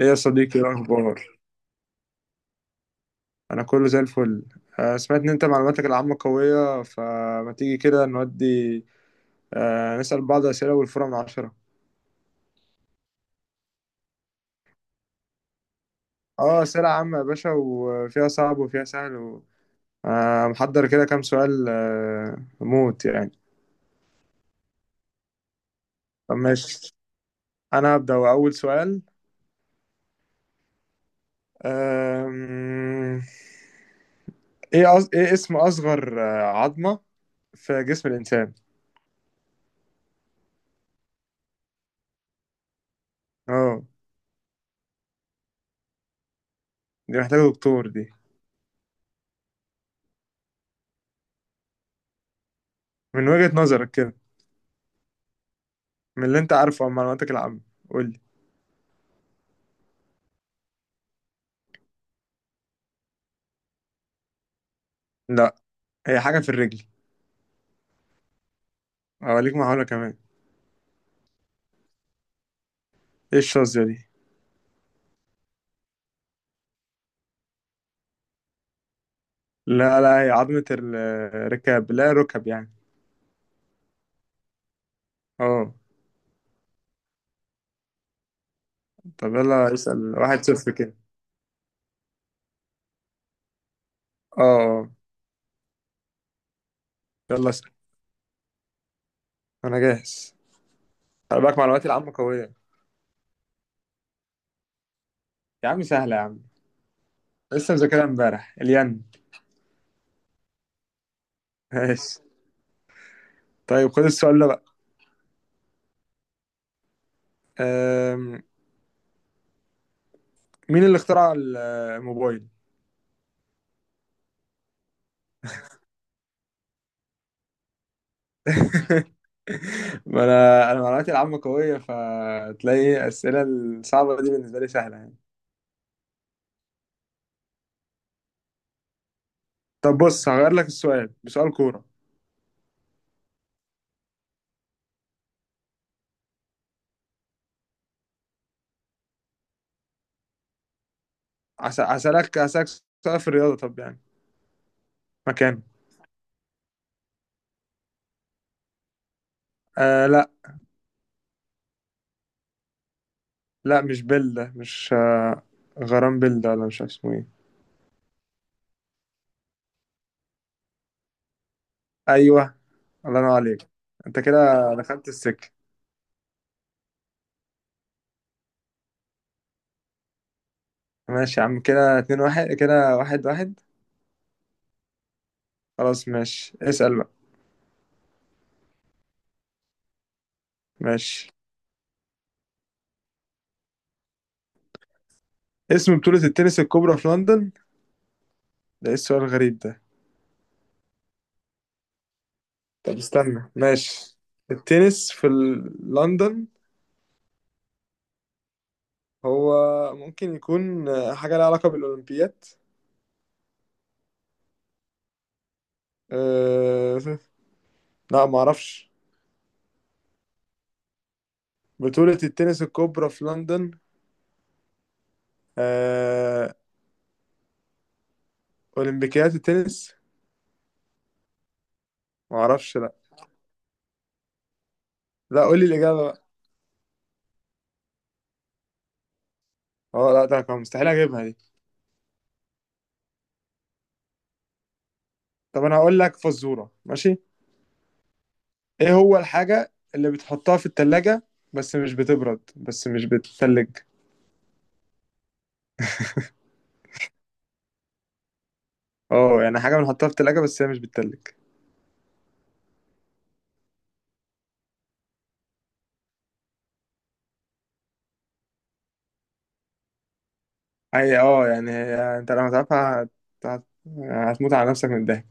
ايه يا صديقي، ايه الاخبار؟ انا كله زي الفل. سمعت ان انت معلوماتك العامة قوية، فما تيجي كده نودي نسأل بعض اسئلة والفورة من 10. اه، اسئلة عامة يا باشا، وفيها صعب وفيها سهل محضر كده كام سؤال موت يعني. طب ماشي، انا هبدأ اول سؤال. آم، ايه اسم اصغر عظمة في جسم الانسان؟ اه، دي محتاجة دكتور دي. من وجهة نظرك كده، من اللي انت عارفه عن معلوماتك العامة، قول لي. لا، هي حاجة في الرجل. اوريك محاولة كمان. ايه الشظية دي؟ لا لا، هي عظمة الركاب، لا ركب يعني. اه. طب يلا اسأل، 1-0 كده. اه اه. يلا اسأل، انا جاهز، خلي بالك معلوماتي العامة قوية. يا عم سهلة يا عم، لسه مذاكرها امبارح الين. ماشي. طيب خد السؤال ده بقى. أم... مين اللي اخترع الموبايل؟ ما انا معلوماتي العامة قوية، فتلاقي الأسئلة الصعبة دي بالنسبة لي سهلة يعني. طب بص، هغير لك السؤال بسؤال كورة. هسألك سؤال في الرياضة، طب يعني مكانه. لا لا، مش بيل ده، مش غرام بيل ده، ولا مش عارف اسمه ايه. ايوه، الله ينور عليك، انت كده دخلت السكة. ماشي يا عم، كده 2-1، كده 1-1. خلاص ماشي، اسأل بقى. ماشي. اسم بطولة التنس الكبرى في لندن؟ ده ايه السؤال الغريب ده؟ طب استنى، ماشي. التنس في لندن. هو ممكن يكون حاجة لها علاقة بالأولمبياد. أه... لا، ما اعرفش. بطولة التنس الكبرى في لندن. أه... اولمبيكيات التنس. ما اعرفش، لا. لا، قول لي الاجابة بقى. اه، لا ده كان مستحيل اجيبها دي. طب انا هقول لك فزورة، ماشي. ايه هو الحاجة اللي بتحطها في التلاجة، بس مش بتبرد، بس مش بتتلج؟ اه يعني حاجة بنحطها في التلاجة بس هي مش بتتلج. اي اه يعني انت لما تعرفها هت... هتموت على نفسك من الضحك.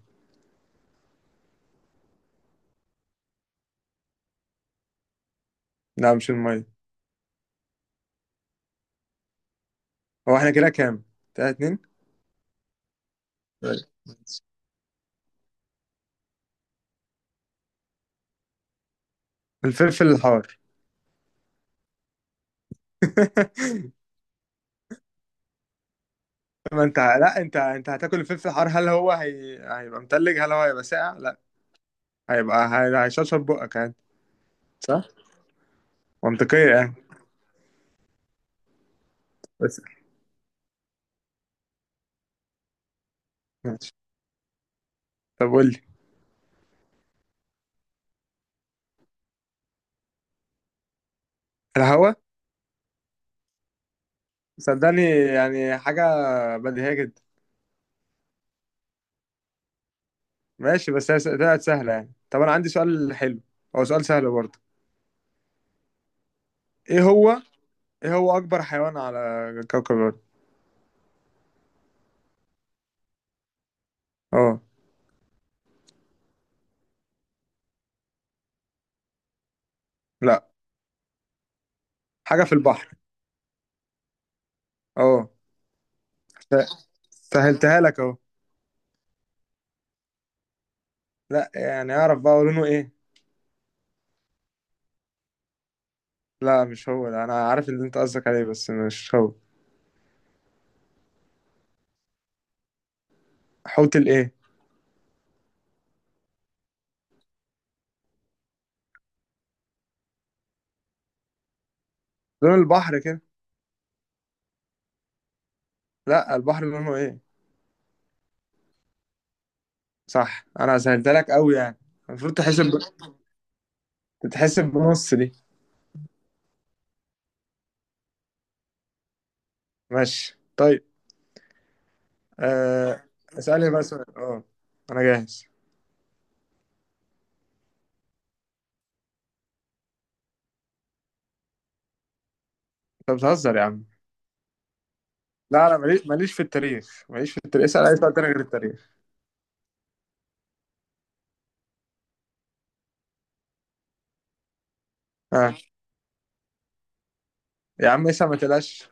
لا مش المية. هو احنا كده كام؟ 3-2؟ طيب. الفلفل الحار. ما انت، لا انت هتاكل الفلفل الحار، هل هو هيبقى متلج، هل هو هيبقى ساقع؟ لا، هيبقى هيشرشر بقك يعني. صح، منطقية يعني. بس ماشي، طب قول لي. الهوا. صدقني يعني حاجة بديهية جدا. ماشي، بس هي طلعت سهلة يعني. طب أنا عندي سؤال حلو، هو سؤال سهل برضه. إيه هو إيه هو أكبر حيوان على كوكب الأرض؟ أه. لا، حاجة في البحر. أه. سهلتها لك أهو. لا، يعني أعرف بقى لونه إيه؟ لا مش هو ده، انا عارف اللي انت قصدك عليه، بس مش هو. حوت الايه؟ لون البحر كده. لا، البحر لونه ايه؟ صح. انا سهلت لك قوي يعني. المفروض تحسب تتحسب بنص دي. ماشي طيب. آه... اسالني بقى سؤال، اه، انا جاهز. انت بتهزر يا عم. لا، انا ماليش ماليش في التاريخ، ماليش في التاريخ، اسال اي سؤال تاني غير التاريخ. اه يا عم اسال ما تقلقش.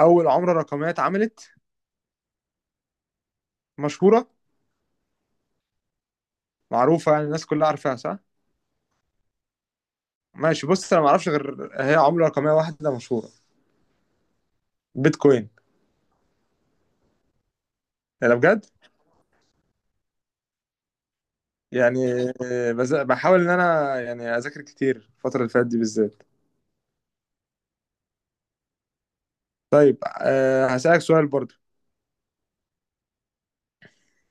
اول عمله رقميه اتعملت؟ مشهوره، معروفه يعني الناس كلها عارفاها صح. ماشي، بص انا ما اعرفش غير هي عمله رقميه واحده مشهوره. بيتكوين. انا بجد يعني بحاول ان انا يعني اذاكر كتير الفتره اللي فاتت دي بالذات. طيب أه هسألك سؤال برضو.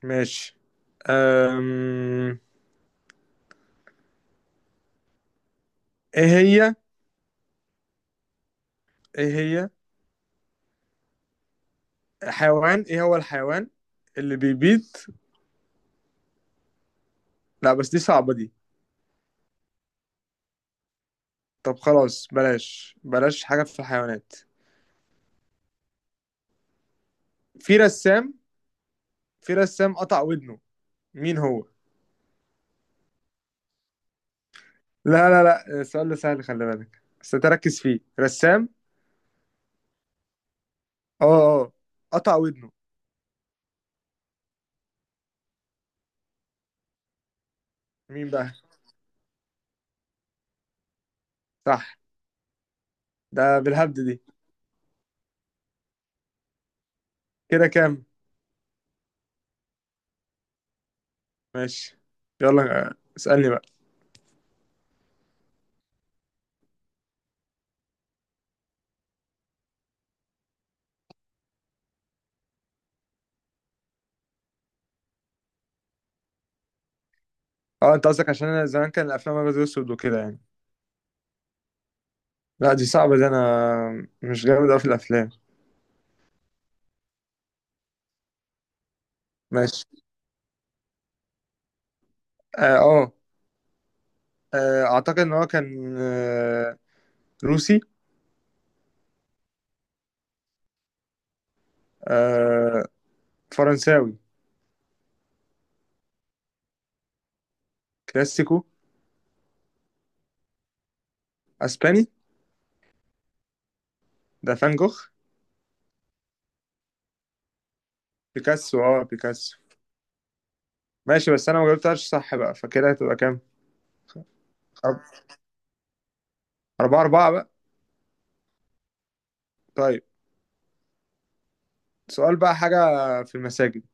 ماشي. أم... ايه هي ايه هي حيوان ايه هو الحيوان اللي بيبيض؟ لا بس دي صعبه دي. طب خلاص بلاش بلاش حاجه في الحيوانات. في رسام، في رسام قطع ودنه، مين هو؟ لا لا لا، السؤال ده سهل، خلي بالك بس تركز فيه، رسام. اه. اه، قطع ودنه. مين بقى؟ صح. ده بالهبد دي. كده كام؟ ماشي. يلا اسألني بقى. اه، انت قصدك عشان انا زمان كان الافلام ابيض واسود وكده يعني. لا دي صعبة دي، انا مش جامد اوي في الافلام. ماشي. اه اعتقد ان هو كان روسي. آه، فرنساوي. كلاسيكو. اسباني. ده فان جوخ. بيكاسو، اه بيكاسو. ماشي، بس انا ما جبتهاش صح بقى، فكده هتبقى كام؟ أرب- 4-4 بقى. طيب، سؤال بقى، حاجة في المساجد.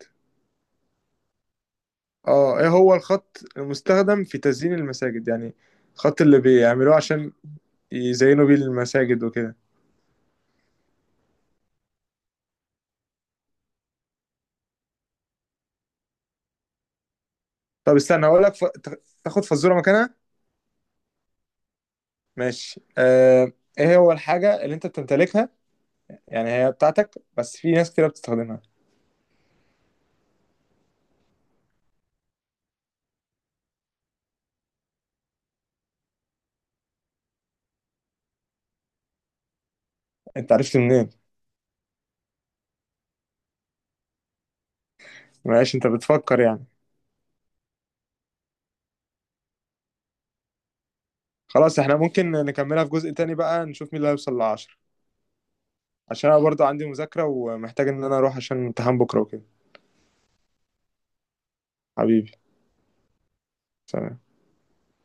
اه، ايه هو الخط المستخدم في تزيين المساجد يعني، الخط اللي بيعملوه عشان يزينوا بيه المساجد وكده. طب استنى هقول لك تاخد فزورة مكانها. ماشي. ايه هو الحاجة اللي انت بتمتلكها؟ يعني هي بتاعتك، بس في ناس كده بتستخدمها. انت عرفت منين؟ معلش انت بتفكر يعني. خلاص، احنا ممكن نكملها في جزء تاني بقى، نشوف مين اللي هيوصل لعشرة. عشان انا برضو عندي مذاكرة، ومحتاج ان انا اروح عشان امتحان بكرة وكده. حبيبي سلام.